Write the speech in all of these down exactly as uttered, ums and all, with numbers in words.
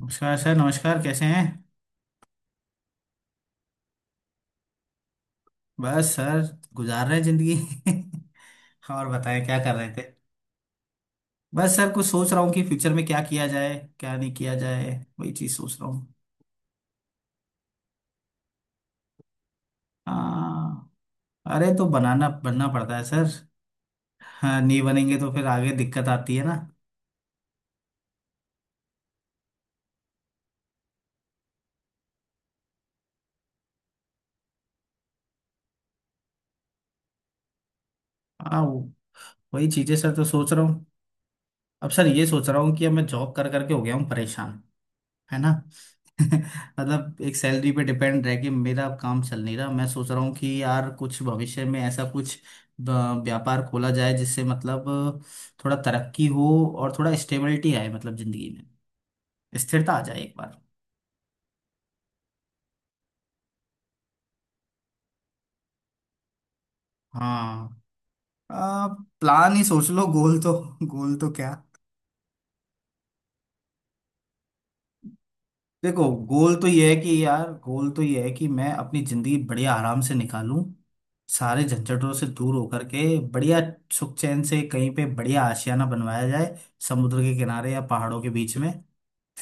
नमस्कार सर। नमस्कार। कैसे हैं? बस सर, गुजार रहे हैं जिंदगी। और बताएं क्या कर रहे थे? बस सर, कुछ सोच रहा हूँ कि फ्यूचर में क्या किया जाए, क्या नहीं किया जाए। वही चीज सोच रहा हूँ। हाँ। अरे तो बनाना बनना पड़ता है सर। हाँ नहीं बनेंगे तो फिर आगे दिक्कत आती है ना। हाँ वो- वही चीजें सर तो सोच रहा हूँ। अब सर ये सोच रहा हूँ कि अब मैं जॉब कर करके हो गया हूँ परेशान। है ना। मतलब एक सैलरी पे डिपेंड रह के मेरा काम चल नहीं रहा। मैं सोच रहा हूँ कि यार कुछ भविष्य में ऐसा कुछ ब- व्यापार खोला जाए जिससे मतलब थोड़ा तरक्की हो और थोड़ा स्टेबिलिटी आए मतलब जिंदगी में स्थिरता आ जाए एक बार। हाँ। आ, प्लान ही सोच लो। गोल तो गोल तो क्या? देखो गोल तो ये है कि यार, गोल तो ये है कि मैं अपनी जिंदगी बढ़िया आराम से निकालूं, सारे झंझटों से दूर होकर के। बढ़िया सुख चैन से कहीं पे बढ़िया आशियाना बनवाया जाए, समुद्र के किनारे या पहाड़ों के बीच में।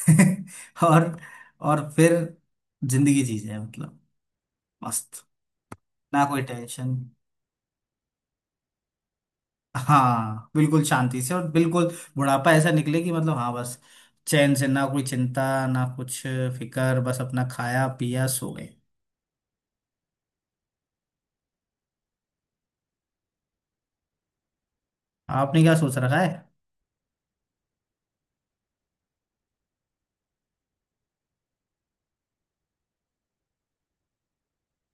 और और फिर जिंदगी जी जाए मतलब मस्त, ना कोई टेंशन। हाँ बिल्कुल शांति से और बिल्कुल बुढ़ापा ऐसा निकले कि मतलब हाँ बस, चैन से, ना कोई चिंता, ना कुछ फिक्र, बस अपना खाया पिया सो गए। आपने क्या सोच रखा है?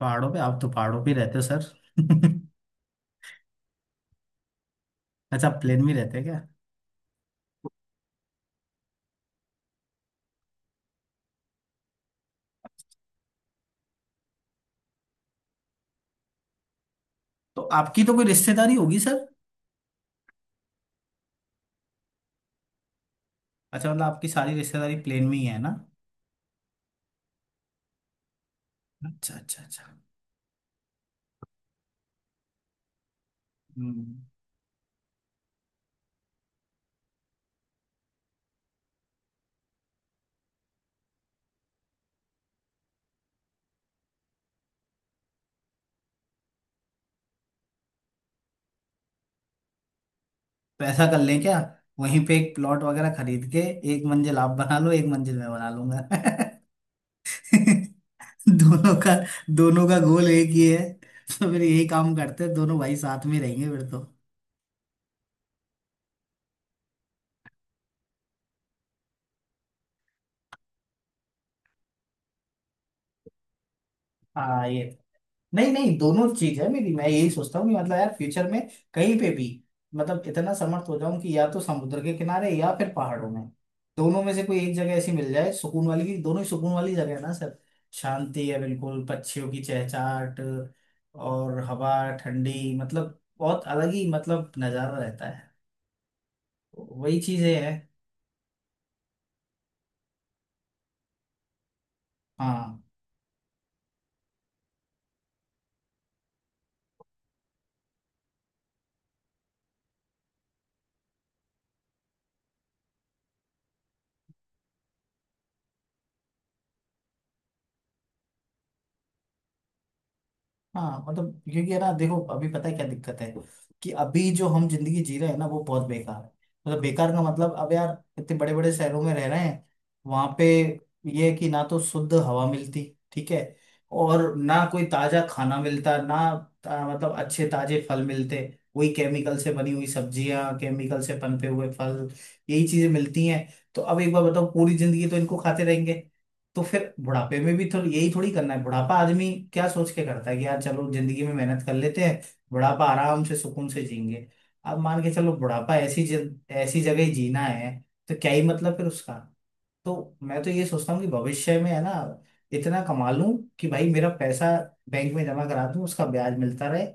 पहाड़ों पे, आप तो पहाड़ों पे ही रहते हो सर। अच्छा, आप प्लेन में रहते हैं क्या? तो आपकी तो कोई रिश्तेदारी होगी सर। अच्छा, मतलब आपकी सारी रिश्तेदारी प्लेन में ही है ना। अच्छा अच्छा अच्छा। हम्म। तो ऐसा कर लें क्या, वहीं पे एक प्लॉट वगैरह खरीद के एक मंजिल आप बना लो, एक मंजिल मैं बना लूंगा। दोनों का दोनों का गोल एक ही है। तो फिर यही काम करते हैं, दोनों भाई साथ में रहेंगे फिर तो। हाँ ये, नहीं नहीं दोनों चीज है मेरी। मैं यही सोचता हूँ कि मतलब यार फ्यूचर में कहीं पे भी, मतलब इतना समर्थ हो जाऊं कि या तो समुद्र के किनारे या फिर पहाड़ों में, दोनों में से कोई एक जगह ऐसी मिल जाए सुकून वाली। की दोनों ही सुकून वाली जगह है ना सर, शांति है बिल्कुल, पक्षियों की चहचहाट और हवा ठंडी, मतलब बहुत अलग ही मतलब नजारा रहता है। वही चीजें हैं। हाँ हाँ मतलब, क्योंकि है ना देखो अभी, पता है क्या दिक्कत है कि अभी जो हम जिंदगी जी रहे हैं ना वो बहुत बेकार है। मतलब बेकार का मतलब अब यार, इतने बड़े बड़े शहरों में रह रहे हैं, वहां पे ये है कि ना तो शुद्ध हवा मिलती, ठीक है, और ना कोई ताजा खाना मिलता ना ता, मतलब अच्छे ताजे फल मिलते। वही केमिकल से बनी हुई सब्जियां, केमिकल से पनपे हुए फल, यही चीजें मिलती हैं। तो अब एक बार बताओ, पूरी जिंदगी तो इनको खाते रहेंगे, तो फिर बुढ़ापे में भी तो यही थोड़ी करना है। बुढ़ापा आदमी क्या सोच के करता है कि यार चलो जिंदगी में मेहनत कर लेते हैं, बुढ़ापा आराम से सुकून से जिएंगे। अब मान के चलो बुढ़ापा ऐसी जग, ऐसी जगह ही जीना है तो क्या ही मतलब फिर उसका। तो मैं तो ये सोचता हूँ कि भविष्य में है ना, इतना कमा लूं कि भाई मेरा पैसा बैंक में जमा करा दूं, उसका ब्याज मिलता रहे,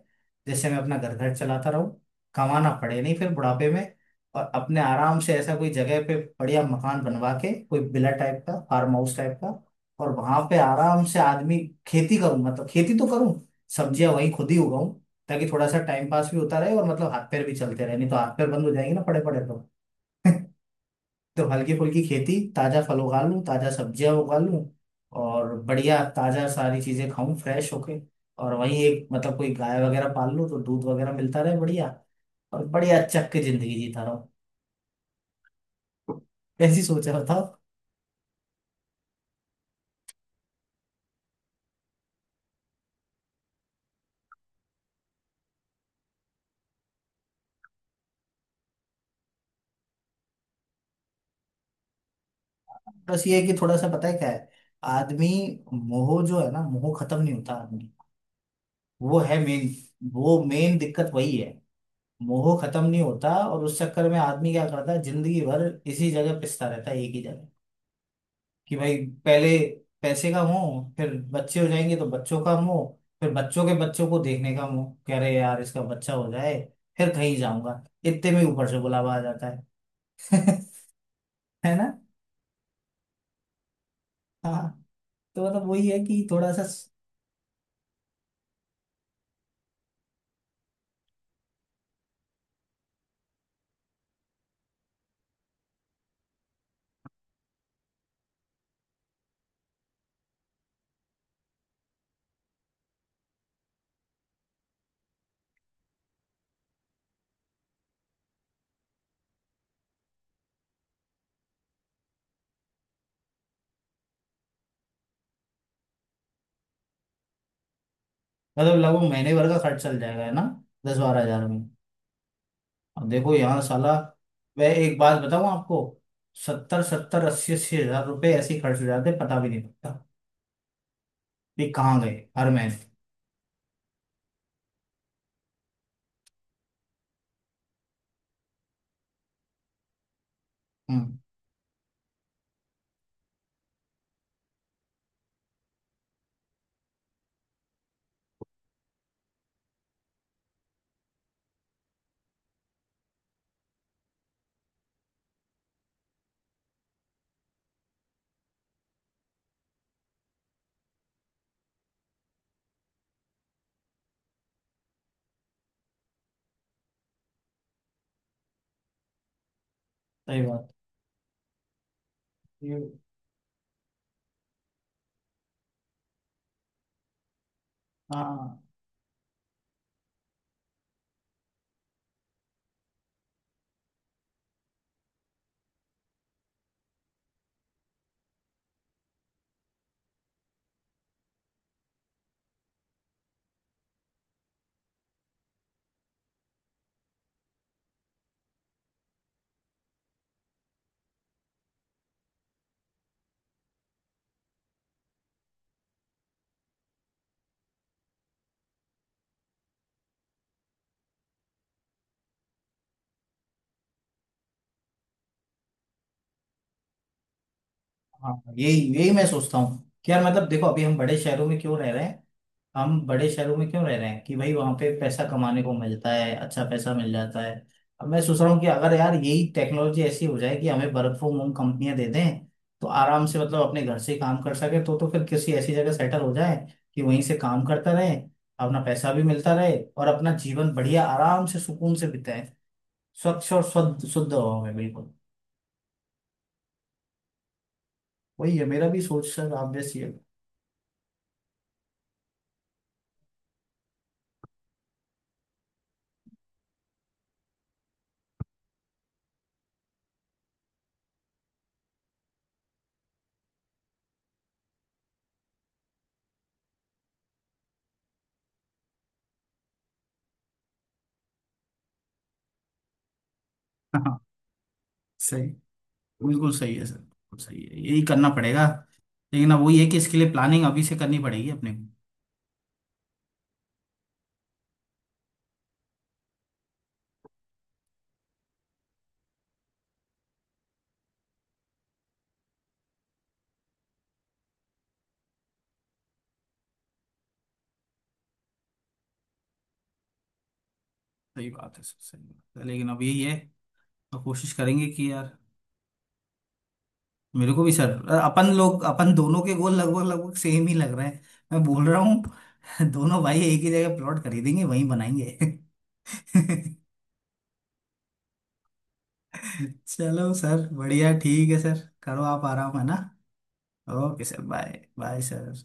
जिससे मैं अपना घर घर चलाता रहूं, कमाना पड़े नहीं फिर बुढ़ापे में। और अपने आराम से ऐसा कोई जगह पे बढ़िया मकान बनवा के कोई विला टाइप का, फार्म हाउस टाइप का, और वहां पे आराम से आदमी खेती करूं, मतलब खेती तो करूं, सब्जियां वहीं खुद ही उगाऊं, ताकि थोड़ा सा टाइम पास भी होता रहे और मतलब हाथ पैर भी चलते रहे, नहीं तो हाथ पैर बंद हो जाएंगे ना पड़े पड़े तो। तो हल्की फुल्की खेती, ताजा फल उगा लूं, ताजा सब्जियां उगा लूं, और बढ़िया ताजा सारी चीजें खाऊं फ्रेश होके, और वहीं एक मतलब कोई गाय वगैरह पाल लूं तो दूध वगैरह मिलता रहे बढ़िया, और बढ़िया चक के जिंदगी जीता रहूं। कैसी सोचा बताओ। बस ये है कि थोड़ा सा पता है क्या है, आदमी मोह जो है ना, मोह खत्म नहीं होता आदमी। वो है मेन। वो मेन दिक्कत वही है। मोह खत्म नहीं होता, और उस चक्कर में आदमी क्या करता है जिंदगी भर इसी जगह पिसता रहता है एक ही जगह। कि भाई पहले पैसे का मोह, फिर बच्चे हो जाएंगे तो बच्चों का मोह, फिर बच्चों के बच्चों को देखने का मोह, कह रहे यार इसका बच्चा हो जाए फिर कहीं जाऊंगा, इतने में ऊपर से बुलावा आ जाता है। है ना। हाँ तो मतलब वही है कि थोड़ा सा। मतलब लगभग महीने भर का खर्च चल जाएगा है ना, दस बारह हजार में। अब देखो यहाँ साला, मैं एक बात बताऊँ आपको, सत्तर सत्तर अस्सी अस्सी हजार रुपये ऐसे ही खर्च हो जाते हैं, पता भी नहीं लगता कि कहाँ गए हर महीने। हम्म, सही बात ये। हाँ हाँ, यही यही मैं सोचता हूँ कि यार मतलब देखो, अभी हम बड़े शहरों में क्यों रह रहे हैं, हम बड़े शहरों में क्यों रह रहे हैं कि भाई वहां पे पैसा कमाने को मिलता है, अच्छा पैसा मिल जाता है। अब मैं सोच रहा हूँ कि अगर यार यही टेक्नोलॉजी ऐसी हो जाए कि हमें वर्क फ्रॉम होम कंपनियां दे दें, तो आराम से मतलब अपने घर से ही काम कर सके, तो तो फिर किसी ऐसी जगह सेटल हो जाए कि वहीं से काम करता रहे, अपना पैसा भी मिलता रहे और अपना जीवन बढ़िया आराम से सुकून से बिताए, स्वच्छ और शुद्ध शुद्ध हवा में बिल्कुल। वही है मेरा भी सोच सर आप जैसी है। हाँ सही, बिल्कुल सही है सर, बिल्कुल सही है, यही करना पड़ेगा। लेकिन अब वही है कि इसके लिए प्लानिंग अभी से करनी पड़ेगी अपने को। सही बात है सर, सही बात है, लेकिन अब यही है, अब कोशिश करेंगे कि यार। मेरे को भी सर, अपन लोग अपन दोनों के गोल लगभग लगभग सेम ही लग रहे हैं, मैं बोल रहा हूँ। दोनों भाई एक ही जगह प्लॉट खरीदेंगे, वहीं बनाएंगे। चलो सर, बढ़िया। ठीक है सर, करो आप आराम, है ना। Okay sir. Bye bye sir.